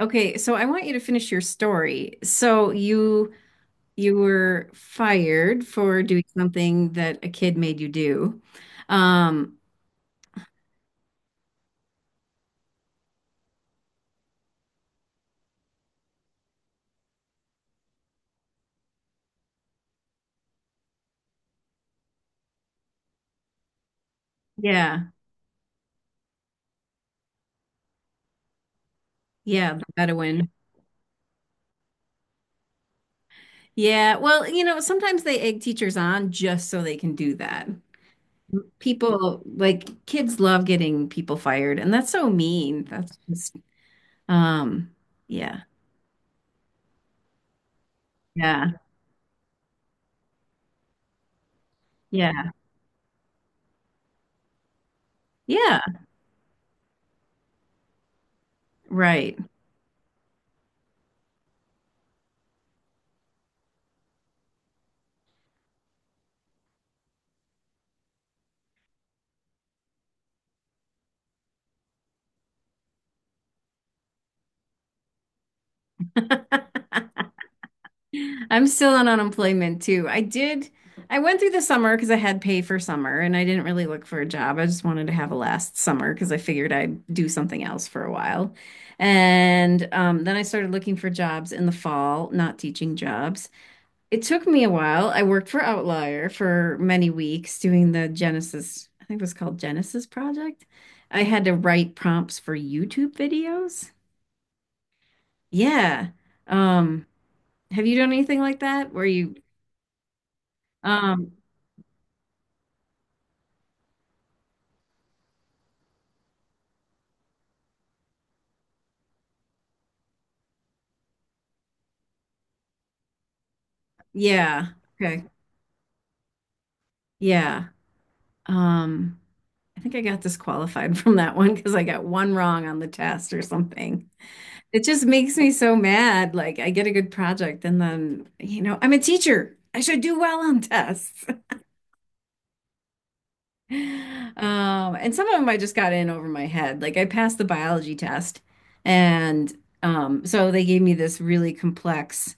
Okay, so I want you to finish your story. So you were fired for doing something that a kid made you do. Um, yeah, yeah, the Bedouin. Yeah, well, you know, sometimes they egg teachers on just so they can do that. People like kids love getting people fired, and that's so mean. That's just um, yeah, yeah, yeah, yeah, right. I'm still on unemployment too. I went through the summer because I had pay for summer and I didn't really look for a job. I just wanted to have a last summer because I figured I'd do something else for a while. And then I started looking for jobs in the fall, not teaching jobs. It took me a while. I worked for Outlier for many weeks doing the Genesis, I think it was called Genesis Project. I had to write prompts for YouTube videos. Yeah. Um, have you done anything like that where you Um, yeah. Okay. Yeah. Um, I think I got disqualified from that one because I got one wrong on the test or something. It just makes me so mad. Like I get a good project and then, you know, I'm a teacher. I should do well on tests. And some of them I just got in over my head. Like I passed the biology test and so they gave me this really complex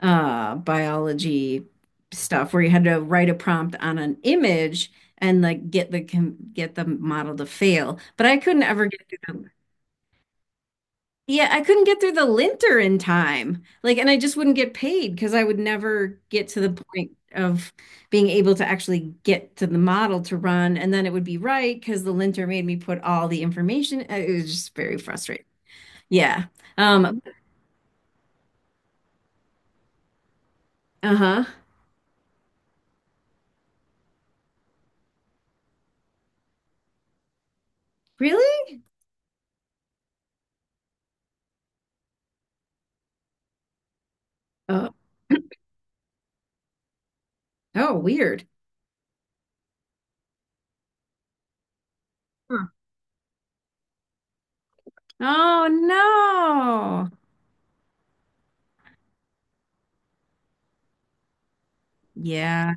biology stuff where you had to write a prompt on an image and like get the get the model to fail. But I couldn't ever get through the yeah, I couldn't get through the linter in time. Like, and I just wouldn't get paid because I would never get to the point of being able to actually get to the model to run, and then it would be right because the linter made me put all the information. It was just very frustrating. Yeah. Um, uh-huh. Really? Oh, oh, weird. Oh no. Yeah.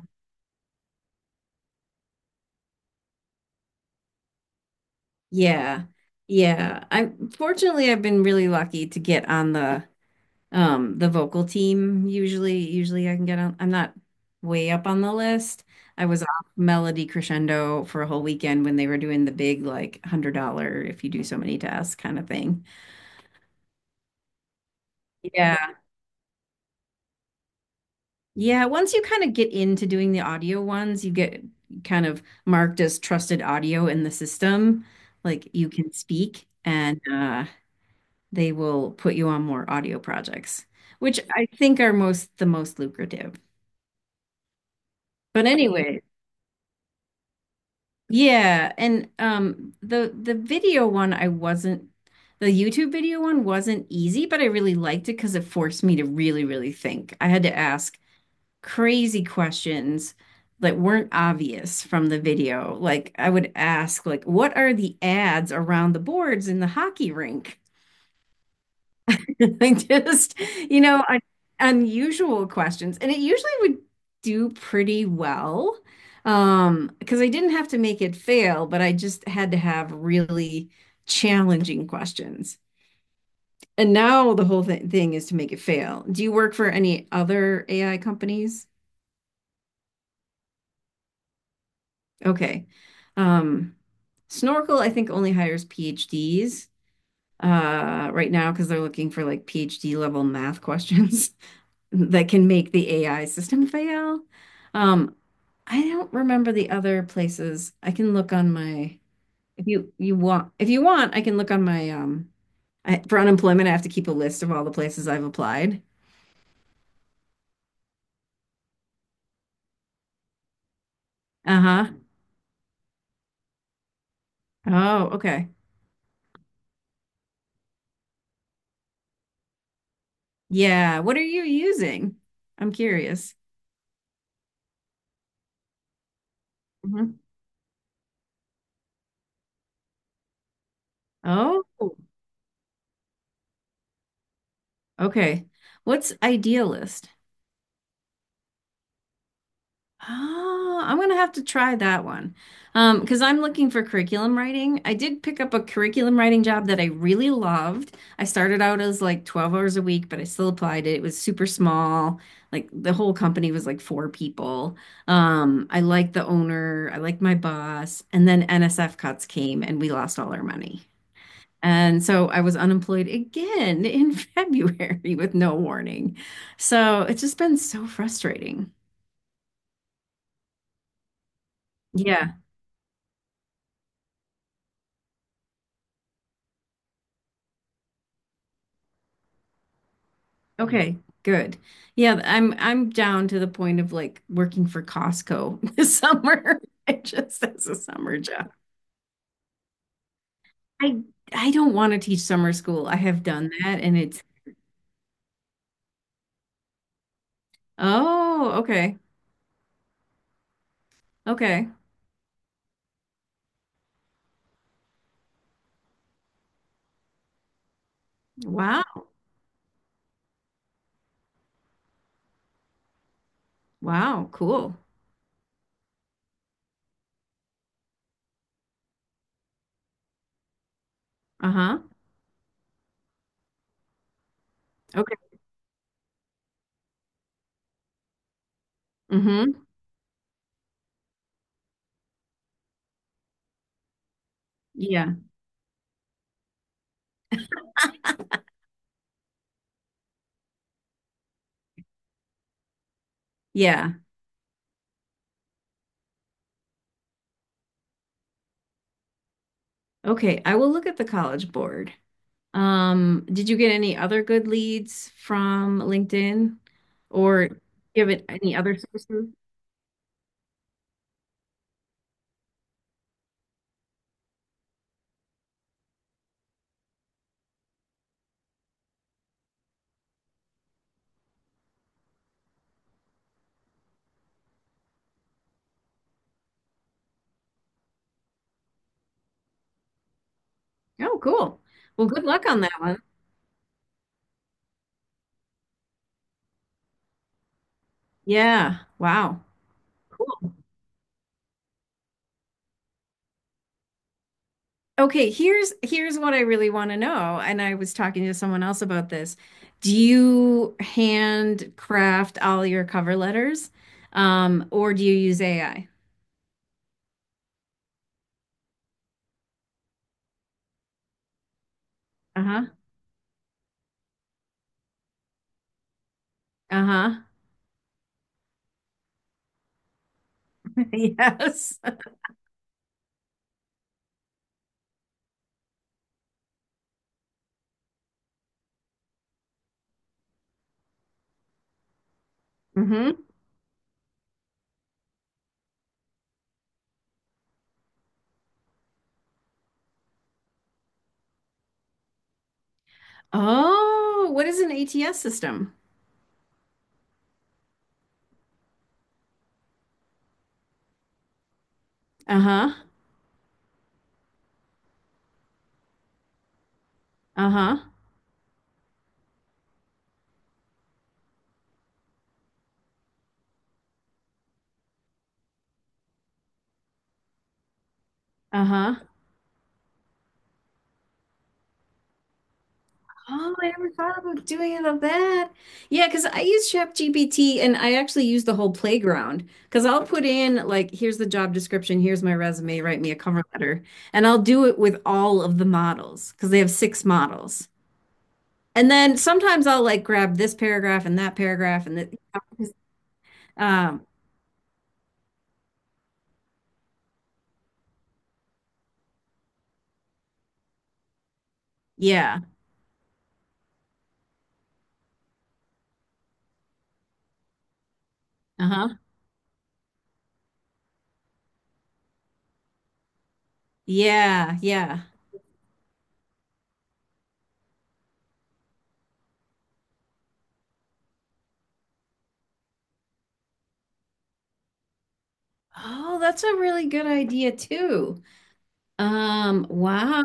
Yeah. Yeah. I fortunately I've been really lucky to get on the the vocal team. Usually I can get on I'm not way up on the list. I was off Melody Crescendo for a whole weekend when they were doing the big like $100 if you do so many tasks kind of thing. Yeah. Yeah, once you kind of get into doing the audio ones, you get kind of marked as trusted audio in the system. Like you can speak and they will put you on more audio projects, which I think are most the most lucrative. But anyway, yeah, and the video one I wasn't the YouTube video one wasn't easy, but I really liked it because it forced me to really, really think. I had to ask crazy questions that weren't obvious from the video. Like I would ask like what are the ads around the boards in the hockey rink? Like just, you know, unusual questions. And it usually would do pretty well. Because I didn't have to make it fail, but I just had to have really challenging questions. And now the whole th thing is to make it fail. Do you work for any other AI companies? Okay. Um, Snorkel, I think, only hires PhDs. Right now because they're looking for like PhD level math questions that can make the AI system fail. Um, I don't remember the other places. I can look on my if you you want if you want I can look on my. I, for unemployment I have to keep a list of all the places I've applied. Uh-huh. Oh, okay. Yeah. What are you using? I'm curious. Mhm. Oh, okay. What's idealist? Oh, I'm gonna have to try that one. Because I'm looking for curriculum writing. I did pick up a curriculum writing job that I really loved. I started out as like 12 hours a week, but I still applied it. It was super small. Like the whole company was like four people. I liked the owner, I liked my boss, and then NSF cuts came and we lost all our money. And so I was unemployed again in February with no warning. So it's just been so frustrating. Yeah. Okay, good. Yeah, I'm down to the point of like working for Costco this summer. It just as a summer job. I I don't want to teach summer school. I have done that and it's oh, okay. Okay. Wow. Wow, cool. Uh-huh. Okay. Mm-hmm. Yeah. Yeah. Okay. I will look at the College Board. Did you get any other good leads from LinkedIn or give it any other sources? Oh, cool. Well, good luck on that one. Yeah. Wow. Cool. Okay, here's what I really want to know, and I was talking to someone else about this. Do you handcraft all your cover letters, or do you use AI? Uh-huh. Uh-huh. Yes. Mm-hmm. Oh, what is an ATS system? Uh-huh. Uh-huh. Uh-huh. Oh, I never thought about doing it of that. Yeah, because I use ChatGPT and I actually use the whole playground because I'll put in like, here's the job description, here's my resume, write me a cover letter, and I'll do it with all of the models because they have six models. And then sometimes I'll like grab this paragraph and that paragraph um, yeah, uh-huh, yeah. Oh, that's a really good idea too. Wow.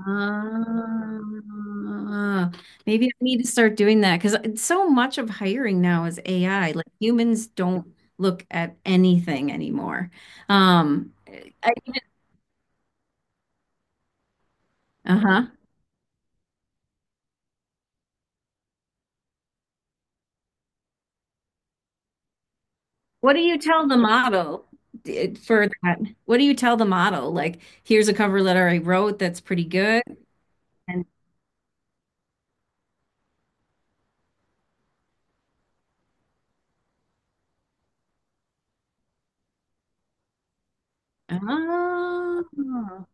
Ah, maybe I need to start doing that because so much of hiring now is AI. Like humans don't look at anything anymore. Um, I, uh-huh. What do you tell the model for that? What do you tell the model? Like, here's a cover letter I wrote that's pretty good. And oh,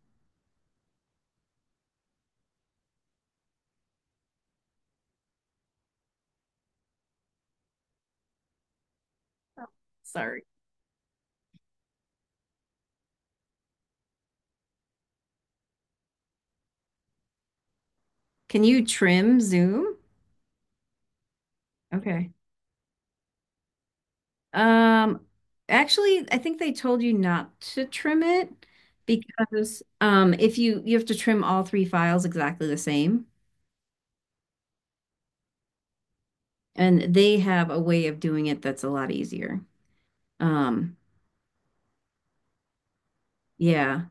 sorry. Can you trim Zoom? Okay. Um, actually, I think they told you not to trim it because if you have to trim all three files exactly the same, and they have a way of doing it that's a lot easier. Um, yeah.